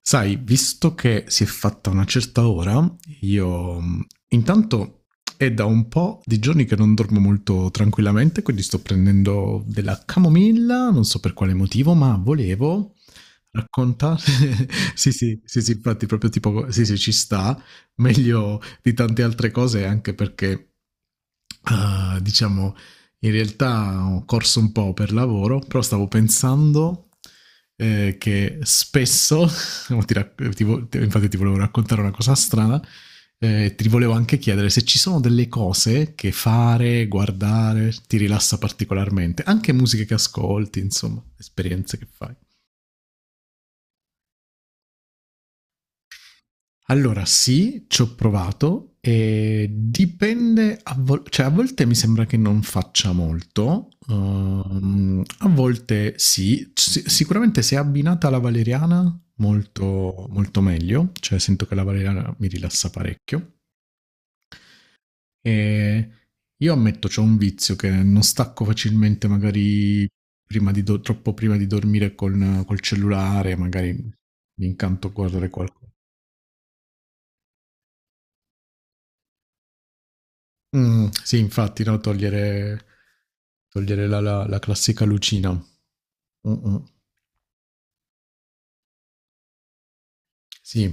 Sai, visto che si è fatta una certa ora, io intanto è da un po' di giorni che non dormo molto tranquillamente, quindi sto prendendo della camomilla, non so per quale motivo, ma volevo raccontare... sì, sì, sì, sì, infatti proprio tipo, sì, sì, ci sta, meglio di tante altre cose, anche perché, ah, diciamo, in realtà ho corso un po' per lavoro, però stavo pensando che spesso. No, Ti rac- ti vo- ti- infatti ti volevo raccontare una cosa strana. Ti volevo anche chiedere se ci sono delle cose che fare, guardare, ti rilassa particolarmente, anche musiche che ascolti, insomma, esperienze che fai. Allora, sì, ci ho provato e dipende, cioè, a volte mi sembra che non faccia molto, a volte sì. Ci- sicuramente se è abbinata alla valeriana molto, molto meglio, cioè sento che la valeriana mi rilassa parecchio. E io ammetto, c'ho un vizio che non stacco facilmente magari prima di do troppo prima di dormire con col cellulare, magari mi incanto a guardare qualco. Mh, sì infatti, no, togliere togliere la classica lucina. Mh-mh. Sì,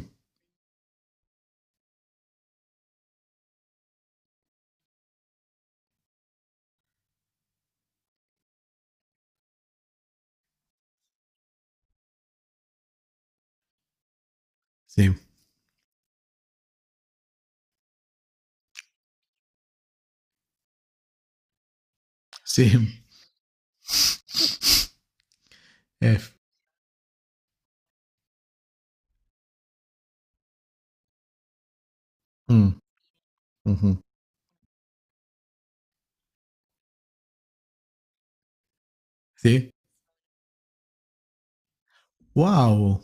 sì, sì. F mh, mh-mh. Sì. Wow!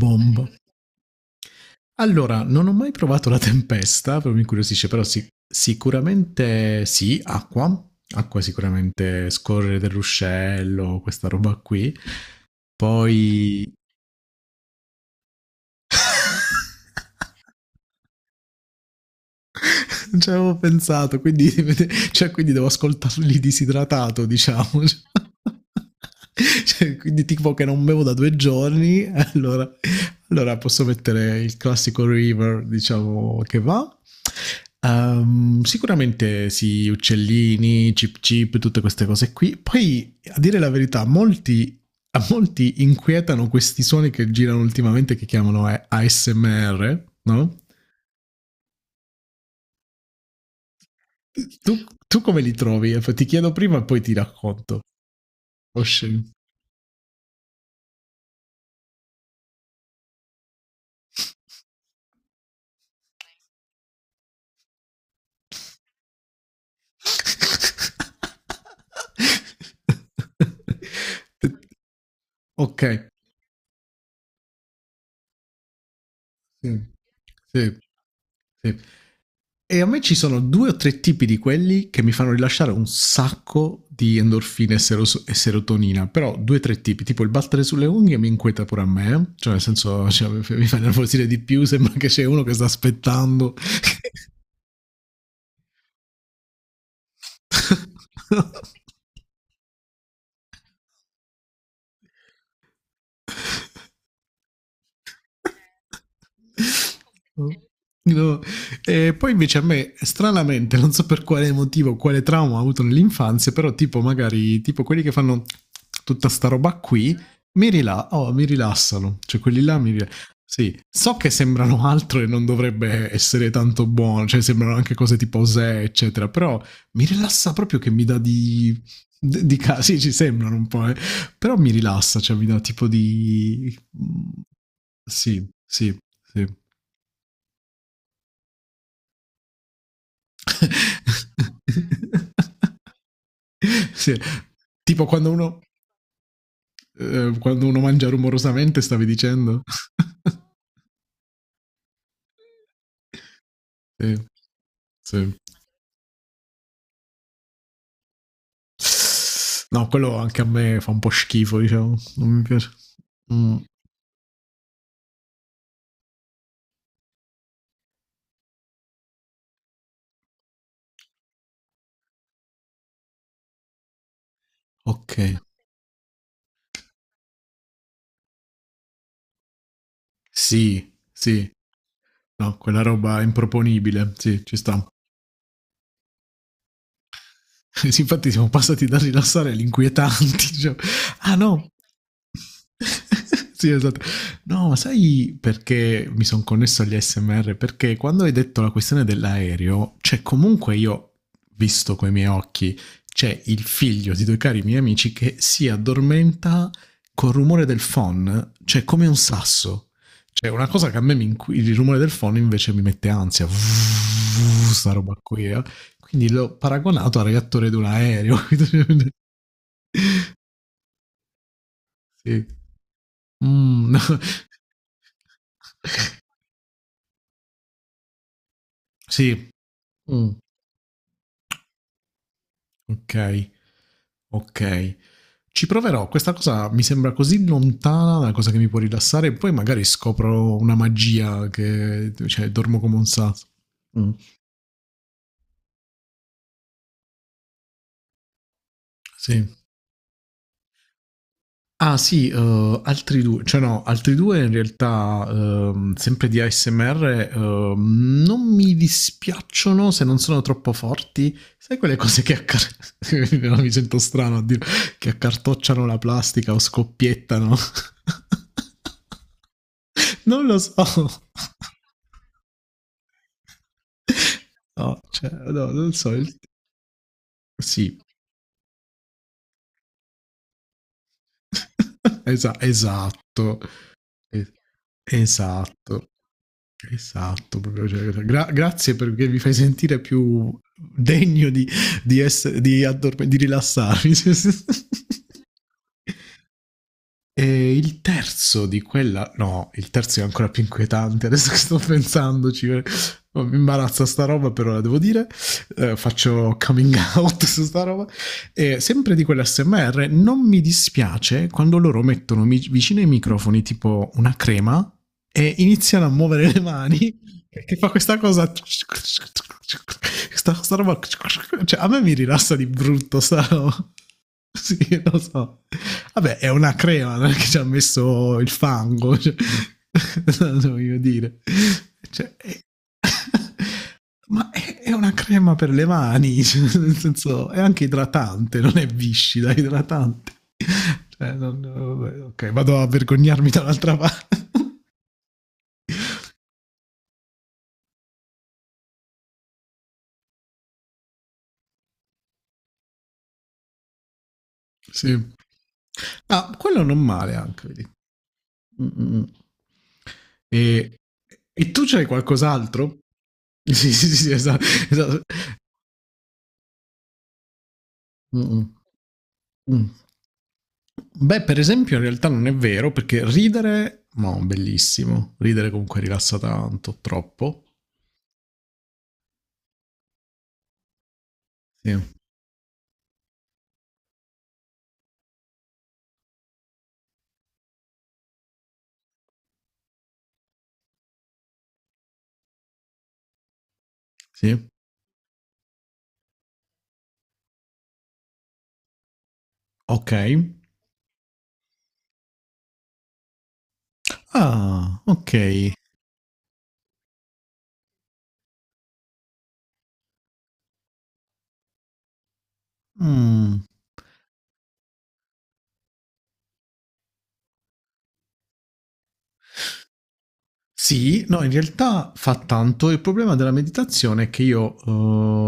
Bomba. Allora, non ho mai provato la tempesta, però mi incuriosisce, però sì- sicuramente sì, acqua, acqua sicuramente, scorrere dell'uscello, questa roba qui. Poi non ci avevo pensato, quindi, cioè, quindi devo ascoltarli disidratato, diciamo. Cioè, quindi tipo che non bevo da due giorni, allora, allora posso mettere il classico river, diciamo, che va. Sicuramente sì, uccellini, chip chip, tutte queste cose qui. Poi, a dire la verità, molti a molti inquietano questi suoni che girano ultimamente che chiamano ASMR, no? Tu, tu come li trovi? Ti chiedo prima e poi ti racconto. Oh, scemo. ok. Sì. Sì. Sì. E a me ci sono due o tre tipi di quelli che mi fanno rilasciare un sacco di endorfine e, seros- e serotonina, però due o tre tipi, tipo il battere sulle unghie mi inquieta pure a me, eh? Cioè nel senso cioè, mi fa nervosire di più, sembra che c'è uno che sta aspettando. Eh, no. E poi invece a me, stranamente, non so per quale motivo, quale trauma ho avuto nell'infanzia, però tipo magari, tipo quelli che fanno tutta sta roba qui, oh, mi rilassano, cioè quelli là mi rilassano. Sì, so che sembrano altro e non dovrebbe essere tanto buono, cioè sembrano anche cose tipo Zè, eccetera, però mi rilassa proprio che mi dà di... sì, ci sembrano un po', eh. Però mi rilassa, cioè mi dà tipo di... Sì, sì, sì. Sì, tipo quando uno mangia rumorosamente stavi dicendo? Sì, sì. No, quello anche a me fa un po' schifo, diciamo, non mi piace. Mh, okay. Sì, sì, no, quella roba è improponibile, sì, ci sta. Infatti siamo passati da rilassare all'inquietanti. Cioè, ah no. sì, esatto. No, ma sai perché mi sono connesso agli SMR? Perché quando hai detto la questione dell'aereo, cioè comunque io, visto coi miei occhi, c'è il figlio di due cari miei amici che si addormenta col rumore del phon, cioè come un sasso. Cioè una cosa che a me mi inqui- il rumore del phon invece mi mette ansia. Sta roba qui. Eh. Quindi l'ho paragonato al reattore di un aereo. sì. Mm, no. Sì. Mm, ok, ok. Ci proverò. Questa cosa mi sembra così lontana dalla cosa che mi può rilassare. E poi magari scopro una magia che cioè, dormo come un sasso. Mm. Sì. Ah sì, altri due, cioè no, altri due in realtà sempre di ASMR non mi dispiacciono se non sono troppo forti. Sai quelle cose che, accar- no, mi sento strano a dire, che accartocciano la plastica o scoppiettano? non lo so. No, cioè, no, non so il- Sì, esatto. Es- esatto. Esatto, proprio, cioè, grazie perché mi fai sentire più degno di, di, di rilassarmi. E il terzo di quella, no, il terzo è ancora più inquietante. Adesso che sto pensandoci, oh, mi imbarazza sta roba, però la devo dire. Faccio coming out su sta roba. E sempre di quell'SMR, non mi dispiace quando loro mettono vicino ai microfoni tipo una crema e iniziano a muovere le mani che fa questa cosa questa roba cioè a me mi rilassa di brutto sta roba. sì lo so. Vabbè è una crema non è che ci ha messo il fango cioè, non voglio dire cioè, è... Ma è una crema per le mani, cioè, nel senso, è anche idratante, non è viscida, è idratante. Cioè, non- vabbè, ok, vado a vergognarmi dall'altra parte. sì. Ah, quello non male anche, vedi. Mm, mm, mm. E, e tu c'hai qualcos'altro? Sì, sì, sì, sì, esatto. Esatto. Mm, mm, mm. Beh, per esempio, in realtà non è vero, perché ridere, no, bellissimo. Ridere comunque rilassa tanto, troppo. Sì, sì. Okay. Ah, okay. Mh. Sì, no, in realtà fa tanto. Il problema della meditazione è che io,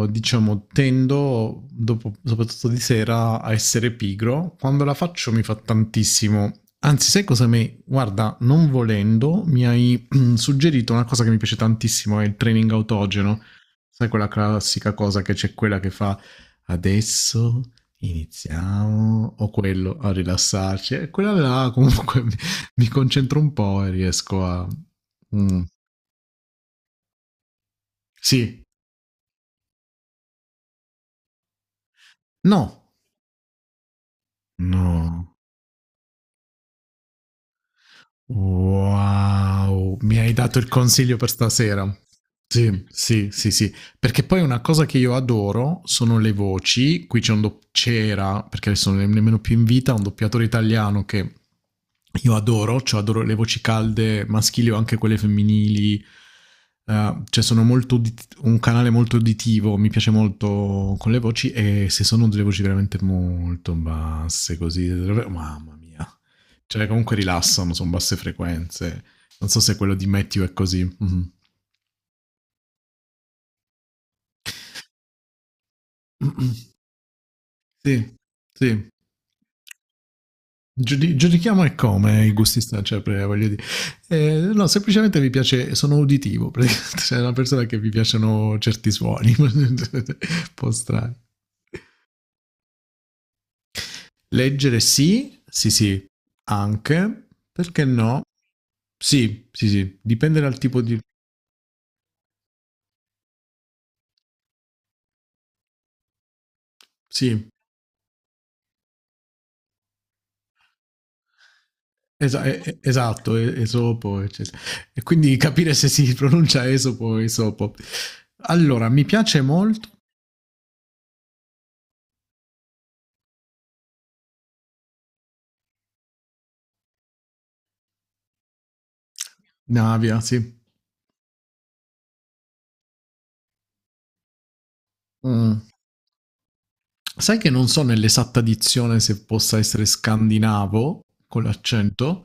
diciamo, tendo, dopo- soprattutto di sera, a essere pigro. Quando la faccio mi fa tantissimo. Anzi, sai cosa mi... Guarda, non volendo, mi hai suggerito una cosa che mi piace tantissimo, è il training autogeno. Sai quella classica cosa che c'è quella che fa adesso iniziamo o quello a rilassarci. E quella là comunque mi concentro un po' e riesco a mh. Sì. No. No. Wow, mi hai dato il consiglio per stasera. Sì, sì, sì, sì. Perché poi una cosa che io adoro sono le voci. Qui c'è un do- c'era, perché adesso non è nemmeno più in vita, un doppiatore italiano che io adoro, cioè adoro le voci calde maschili o anche quelle femminili. Cioè sono molto udit- un canale molto uditivo, mi piace molto con le voci e se sono delle voci veramente molto basse così, mamma mia. Cioè, comunque rilassano, sono basse frequenze. Non so se quello di Matthew è così. Mhm. Sì, sì. Giudichiamo e come i gusti stanno, cioè, voglio dire. No, semplicemente mi piace, sono uditivo, praticamente. Cioè, una persona che mi piacciono certi suoni, un po' strani. Leggere sì, sì, sì, anche, perché no? Sì, sì, sì, dipende dal tipo di... Sì, esatto, e- Esopo, eccetera. E quindi capire se si pronuncia Esopo o Esopo. Allora, mi piace molto Navia, sì. Mm. Sai che non so nell'esatta dizione se possa essere scandinavo con l'accento,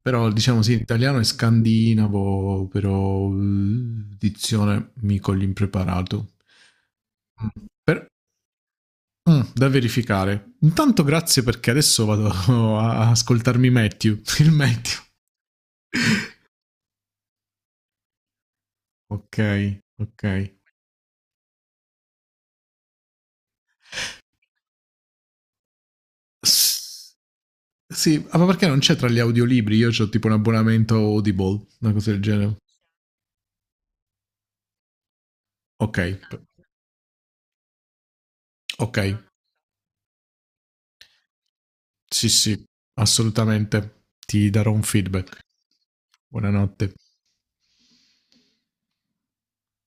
però diciamo sì, in italiano è scandinavo, però dizione mico l'impreparato. Mm. Per- da verificare. Intanto grazie perché adesso vado a ascoltarmi Matthew, il Matthew. Ok, ok. S- sì, ah, ma perché non c'è tra gli audiolibri? Io ho tipo un abbonamento Audible, una cosa del genere. Ok, p- ok. Sì, sì, assolutamente. Ti darò un feedback. Buonanotte.